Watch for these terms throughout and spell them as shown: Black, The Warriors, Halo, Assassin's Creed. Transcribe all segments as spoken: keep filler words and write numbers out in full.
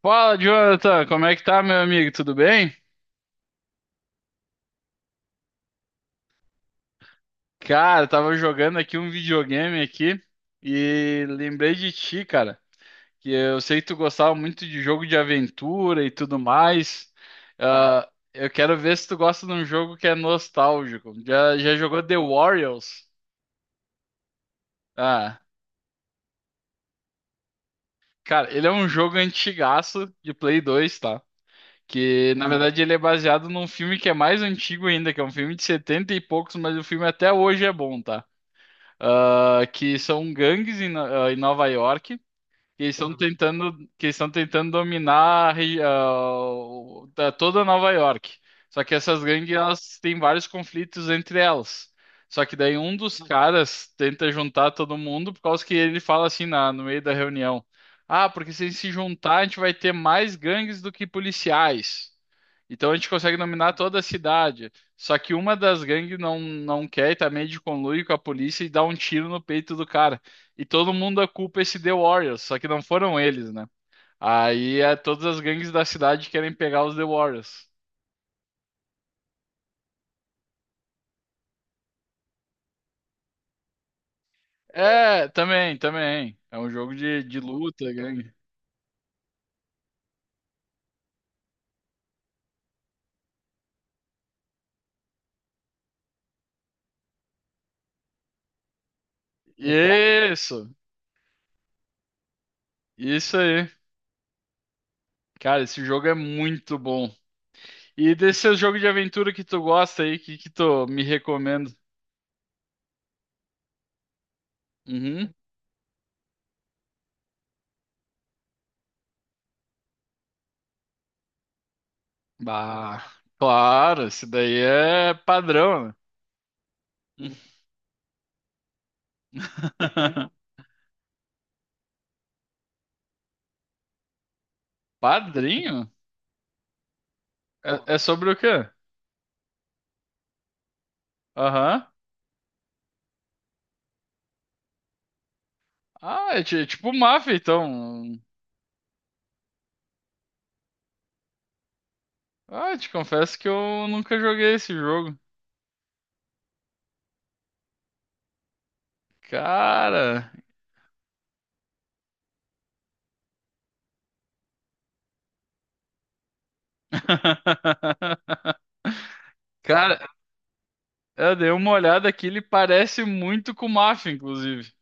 Fala, Jonathan, como é que tá, meu amigo? Tudo bem? Cara, eu tava jogando aqui um videogame aqui e lembrei de ti, cara, que eu sei que tu gostava muito de jogo de aventura e tudo mais. Ah, eu quero ver se tu gosta de um jogo que é nostálgico. Já, já jogou The Warriors? Ah, cara, ele é um jogo antigaço de Play dois, tá? Que na verdade ele é baseado num filme que é mais antigo ainda, que é um filme de setenta e poucos, mas o filme até hoje é bom, tá? Ah, que são gangues em, No- ah, em Nova York que eles estão. Uhum. tentando Que eles estão tentando dominar a regi- ah, o- da- toda Nova York. Só que essas gangues elas têm vários conflitos entre elas. Só que daí um dos caras tenta juntar todo mundo por causa que ele fala assim na, no meio da reunião. Ah, porque se a gente se juntar, a gente vai ter mais gangues do que policiais. Então a gente consegue dominar toda a cidade. Só que uma das gangues não, não quer e tá meio de conluio com a polícia e dá um tiro no peito do cara. E todo mundo acupa esse The Warriors, só que não foram eles, né? Aí é, todas as gangues da cidade querem pegar os The Warriors. É, também, também. É um jogo de, de luta, gangue. Isso, isso aí. Cara, esse jogo é muito bom. E desse seu jogo de aventura que tu gosta aí, que, que tu me recomenda? Uhum. Ah, claro, isso daí é padrão, né? Padrinho? É, é sobre o quê? Aham. Ah, é ti- é tipo mafia então. Ah, te confesso que eu nunca joguei esse jogo. Cara. Cara, eu dei uma olhada aqui, ele parece muito com mafia inclusive.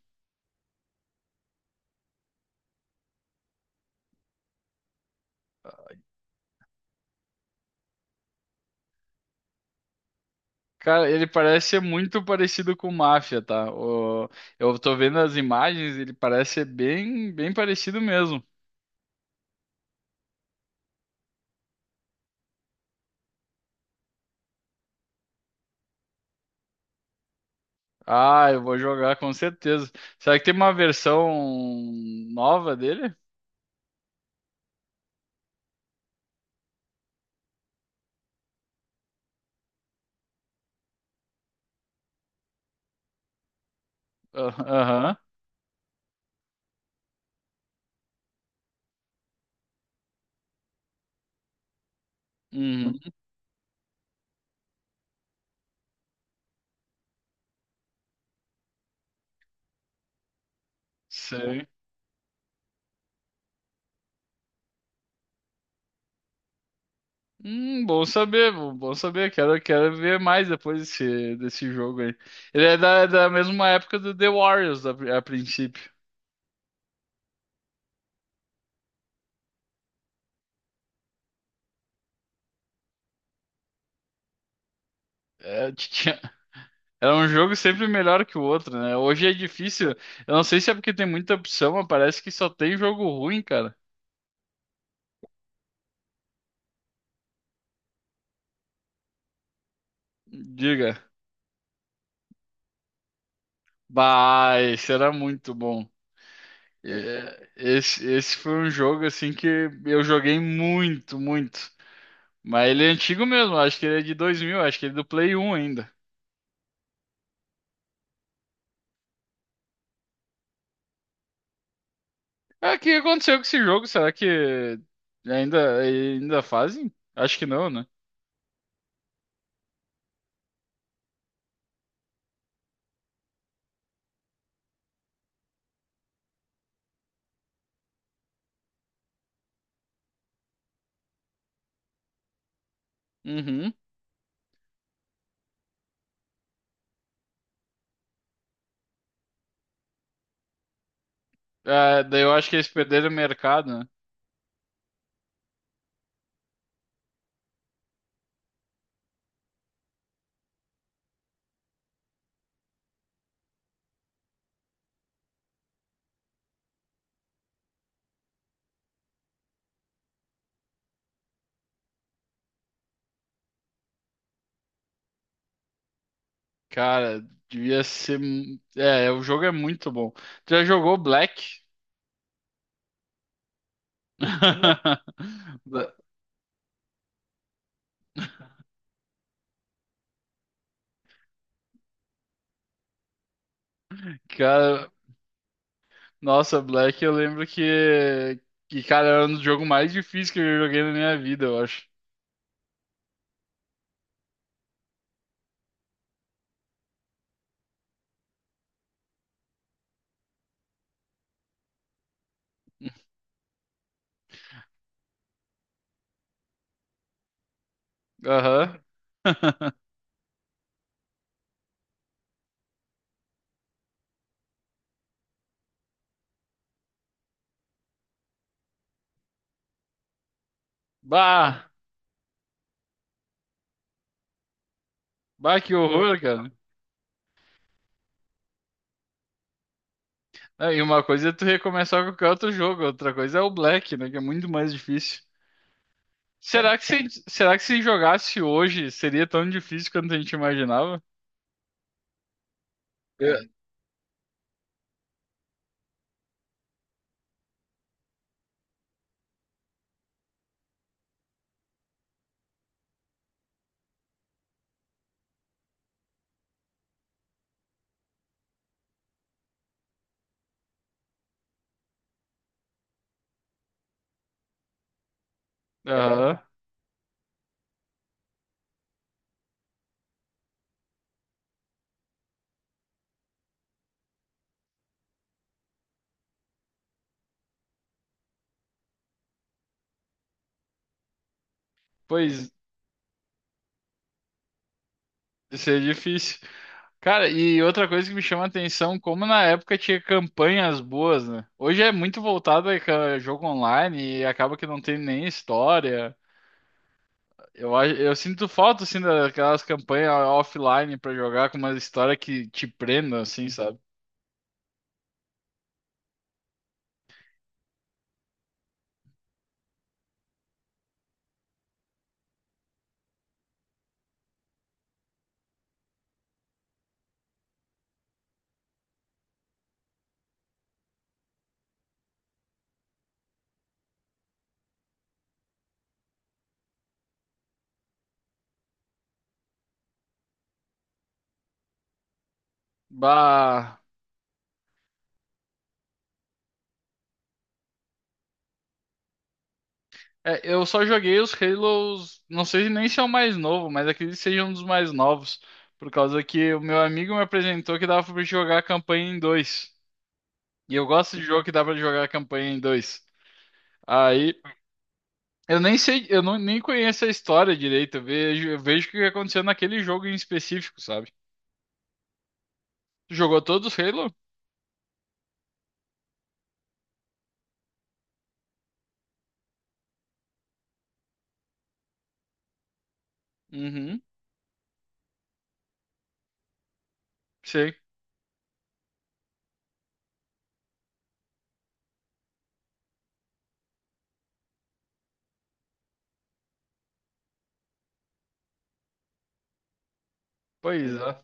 Cara, ele parece ser muito parecido com mafia, tá? O- Eu tô vendo as imagens, ele parece ser bem, bem parecido mesmo. Ah, eu vou jogar com certeza. Será que tem uma versão nova dele? Ah, aham. Uhum. Sei. Hum, bom saber, bom bom saber. Quero, quero ver mais depois desse, desse jogo aí. Ele é da, é da mesma época do The Warriors, a, pri- a princípio. É, tinha- era um jogo sempre melhor que o outro, né? Hoje é difícil. Eu não sei se é porque tem muita opção, mas parece que só tem jogo ruim, cara. Diga. Bah, esse era muito bom. É, Esse, esse foi um jogo assim que eu joguei muito, muito. Mas ele é antigo mesmo, acho que ele é de dois mil, acho que ele é do Play um ainda. Ah, o que aconteceu com esse jogo? Será que ainda, ainda fazem? Acho que não, né? Uhum. Ah, daí eu acho que eles perderam o mercado, né? Cara, devia ser. mu- É, o jogo é muito bom. Tu já jogou Black? Cara, nossa, Black, eu lembro que, que, cara, era um dos jogos mais difíceis que eu joguei na minha vida, eu acho. Aham. Bah! Bah, que horror, cara. É, e uma coisa é tu recomeçar qualquer outro jogo, outra coisa é o Black, né? Que é muito mais difícil. Será que se, será que se jogasse hoje seria tão difícil quanto a gente imaginava? É. Aham. Pois, isso é difícil. Cara, e outra coisa que me chama a atenção, como na época tinha campanhas boas, né? Hoje é muito voltado a ca- jogo online e acaba que não tem nem história. Eu, a- eu sinto falta, assim, daquelas campanhas offline pra jogar com uma história que te prenda, assim, sabe? Bah... É, eu só joguei os Halos, não sei nem se é o mais novo, mas acredito que seja um dos mais novos, por causa que o meu amigo me apresentou que dava pra jogar a campanha em dois. E eu gosto de jogo que dá pra jogar a campanha em dois. Aí eu nem sei, eu não, nem conheço a história direito. Eu vejo, eu vejo o que aconteceu naquele jogo em específico, sabe? Tu jogou todos os Halo? Uhum, sei. Pois é.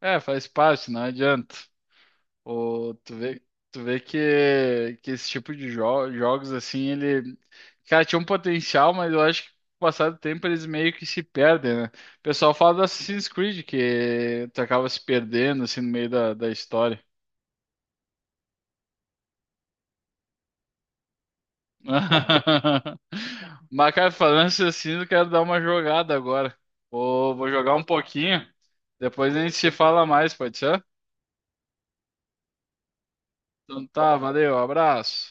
É, É, faz parte, não adianta. O, tu vê, tu vê que, que esse tipo de jo- jogos, assim, ele. Cara, tinha um potencial, mas eu acho que com o passar do tempo eles meio que se perdem, né? O pessoal fala do Assassin's Creed, que tu acaba se perdendo, assim, no meio da, da história. Mas, cara, falando isso assim, eu quero dar uma jogada agora. Vou, vou jogar um pouquinho. Depois a gente se fala mais, pode ser? Então tá, valeu, abraço.